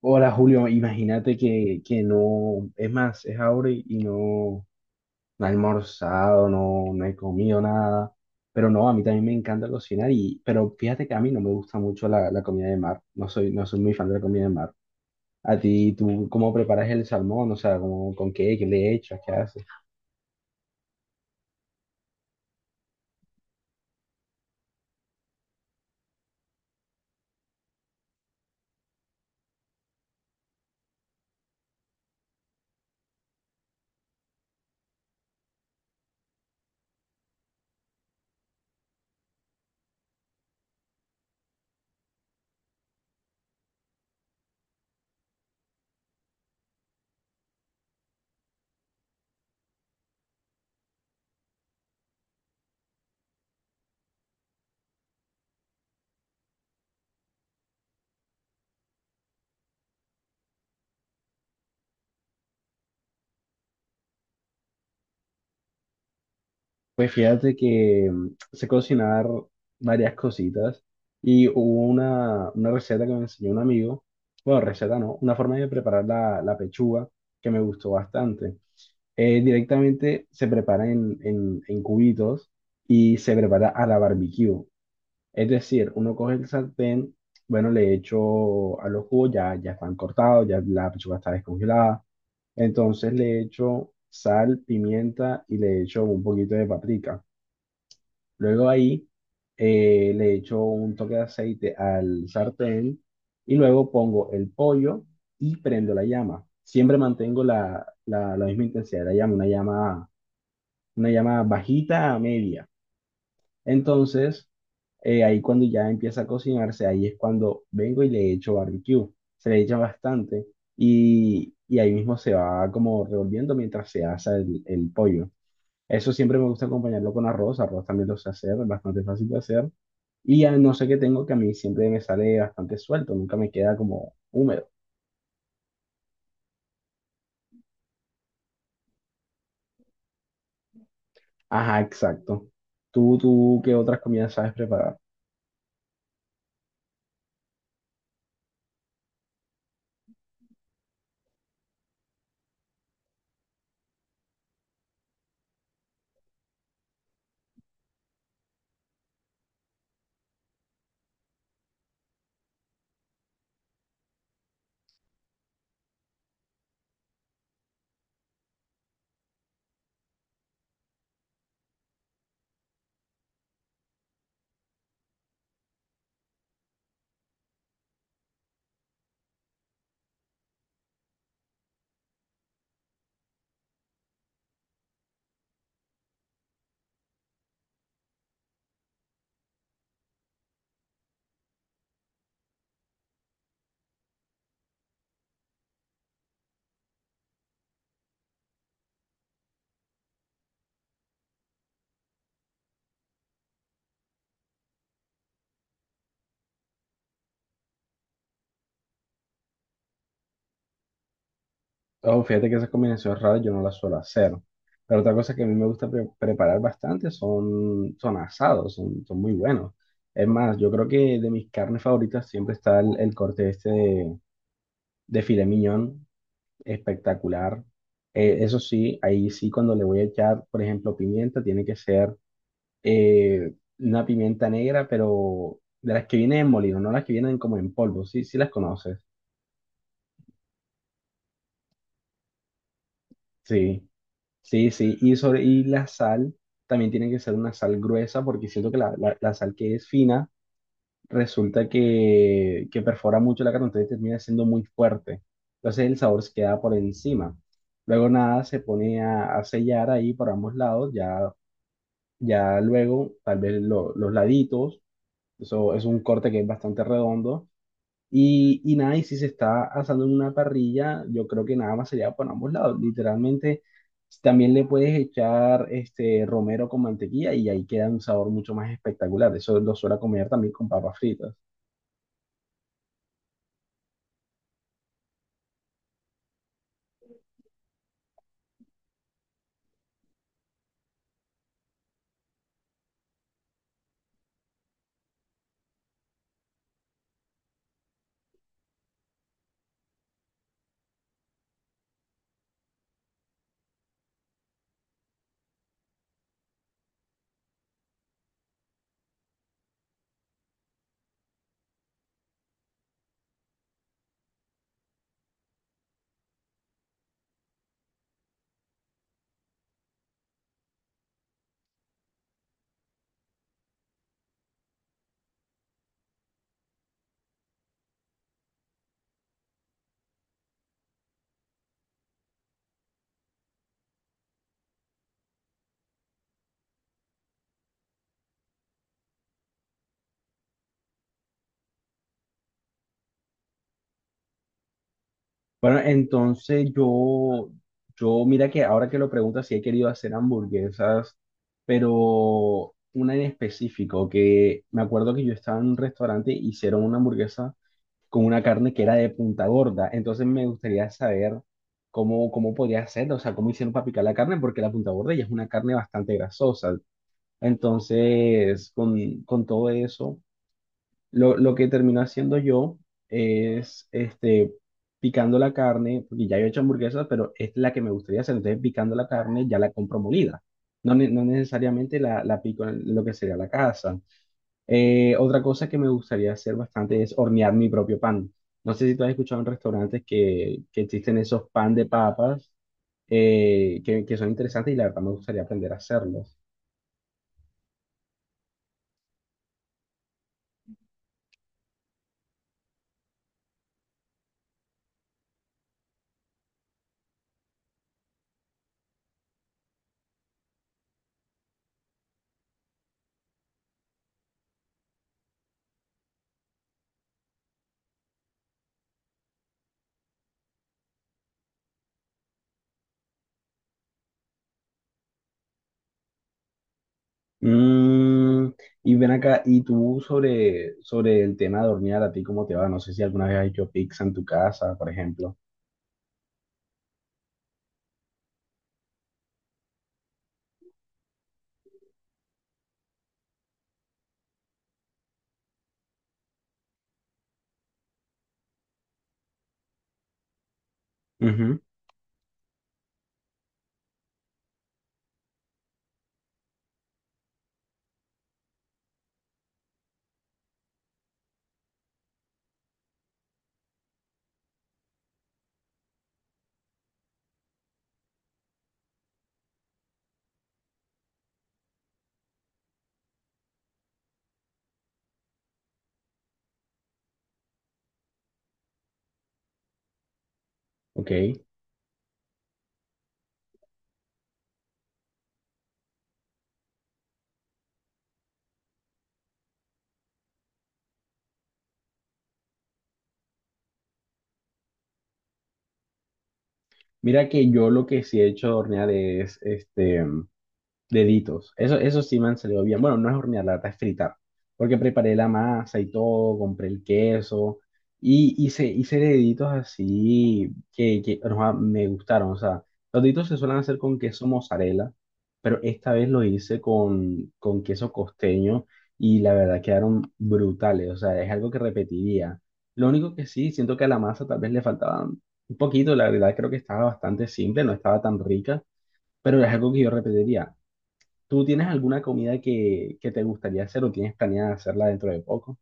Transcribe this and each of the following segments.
Hola Julio, imagínate que no, es más, es ahora y no he almorzado, no he comido nada, pero no, a mí también me encanta cocinar y, pero fíjate que a mí no me gusta mucho la comida de mar, no soy muy fan de la comida de mar. A ti, ¿tú cómo preparas el salmón? O sea, ¿con qué, qué le echas, qué haces? Pues fíjate que sé cocinar varias cositas y hubo una receta que me enseñó un amigo, bueno, receta no, una forma de preparar la pechuga que me gustó bastante. Directamente se prepara en cubitos y se prepara a la barbecue. Es decir, uno coge el sartén, bueno, le echo a los jugos, ya están cortados, ya la pechuga está descongelada. Entonces le echo sal, pimienta y le echo un poquito de paprika. Luego ahí le echo un toque de aceite al sartén y luego pongo el pollo y prendo la llama. Siempre mantengo la misma intensidad de la llama, una llama bajita a media. Entonces, ahí cuando ya empieza a cocinarse, ahí es cuando vengo y le echo barbecue. Se le echa bastante y ahí mismo se va como revolviendo mientras se asa el pollo. Eso siempre me gusta acompañarlo con arroz. Arroz también lo sé hacer, es bastante fácil de hacer. Y a no sé qué tengo que a mí siempre me sale bastante suelto, nunca me queda como húmedo. Ajá, exacto. ¿Tú qué otras comidas sabes preparar? Oh, fíjate que esas combinaciones raras yo no las suelo hacer. Pero otra cosa que a mí me gusta preparar bastante son asados, son muy buenos. Es más, yo creo que de mis carnes favoritas siempre está el corte este de filet mignon. Espectacular. Eso sí, ahí sí cuando le voy a echar, por ejemplo, pimienta, tiene que ser eh, una pimienta negra, pero de las que vienen en molino, no las que vienen como en polvo, sí, sí las conoces. Sí, sí. Y, sobre, y la sal también tiene que ser una sal gruesa porque siento que la sal que es fina resulta que perfora mucho la carne, entonces termina siendo muy fuerte. Entonces el sabor se queda por encima. Luego nada, se pone a sellar ahí por ambos lados, ya luego, tal vez los laditos, eso es un corte que es bastante redondo. Y nada, y si se está asando en una parrilla, yo creo que nada más sería por ambos lados. Literalmente, también le puedes echar este romero con mantequilla y ahí queda un sabor mucho más espectacular. Eso lo suelo comer también con papas fritas. Bueno, entonces yo, mira que ahora que lo preguntas, sí he querido hacer hamburguesas, pero una en específico, que me acuerdo que yo estaba en un restaurante y hicieron una hamburguesa con una carne que era de punta gorda, entonces me gustaría saber cómo podría hacerlo o sea, cómo hicieron para picar la carne, porque la punta gorda ya es una carne bastante grasosa. Entonces, con todo eso... Lo que termino haciendo yo es este, picando la carne, porque ya yo he hecho hamburguesas, pero esta es la que me gustaría hacer. Entonces, picando la carne, ya la compro molida. No, no necesariamente la pico en lo que sería la casa. Otra cosa que me gustaría hacer bastante es hornear mi propio pan. No sé si tú has escuchado en restaurantes que existen esos pan de papas que son interesantes y la verdad me gustaría aprender a hacerlos. Mm, y ven acá, y tú sobre, sobre el tema de hornear, ¿a ti cómo te va? No sé si alguna vez has hecho pizza en tu casa, por ejemplo. Ujú, ok. Mira que yo lo que sí he hecho de hornear es este. Deditos. Eso sí me han salido bien. Bueno, no es hornear, la verdad es fritar. Porque preparé la masa y todo, compré el queso y hice deditos así que, o sea, me gustaron. O sea, los deditos se suelen hacer con queso mozzarella, pero esta vez lo hice con queso costeño y la verdad quedaron brutales. O sea, es algo que repetiría. Lo único que sí, siento que a la masa tal vez le faltaban un poquito. La verdad creo que estaba bastante simple, no estaba tan rica, pero es algo que yo repetiría. ¿Tú tienes alguna comida que te gustaría hacer o tienes planeada hacerla dentro de poco?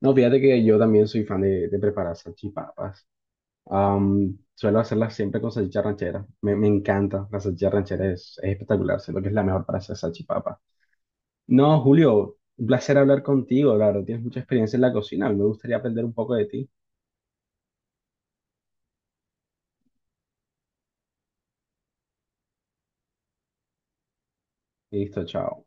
No, fíjate que yo también soy fan de preparar salchipapas. Am, suelo hacerlas siempre con salchicha ranchera. Me encanta. La salchicha ranchera es espectacular. Siento que es la mejor para hacer salchipapas. No, Julio, un placer hablar contigo. La verdad, tienes mucha experiencia en la cocina. A mí me gustaría aprender un poco de ti. Listo, chao.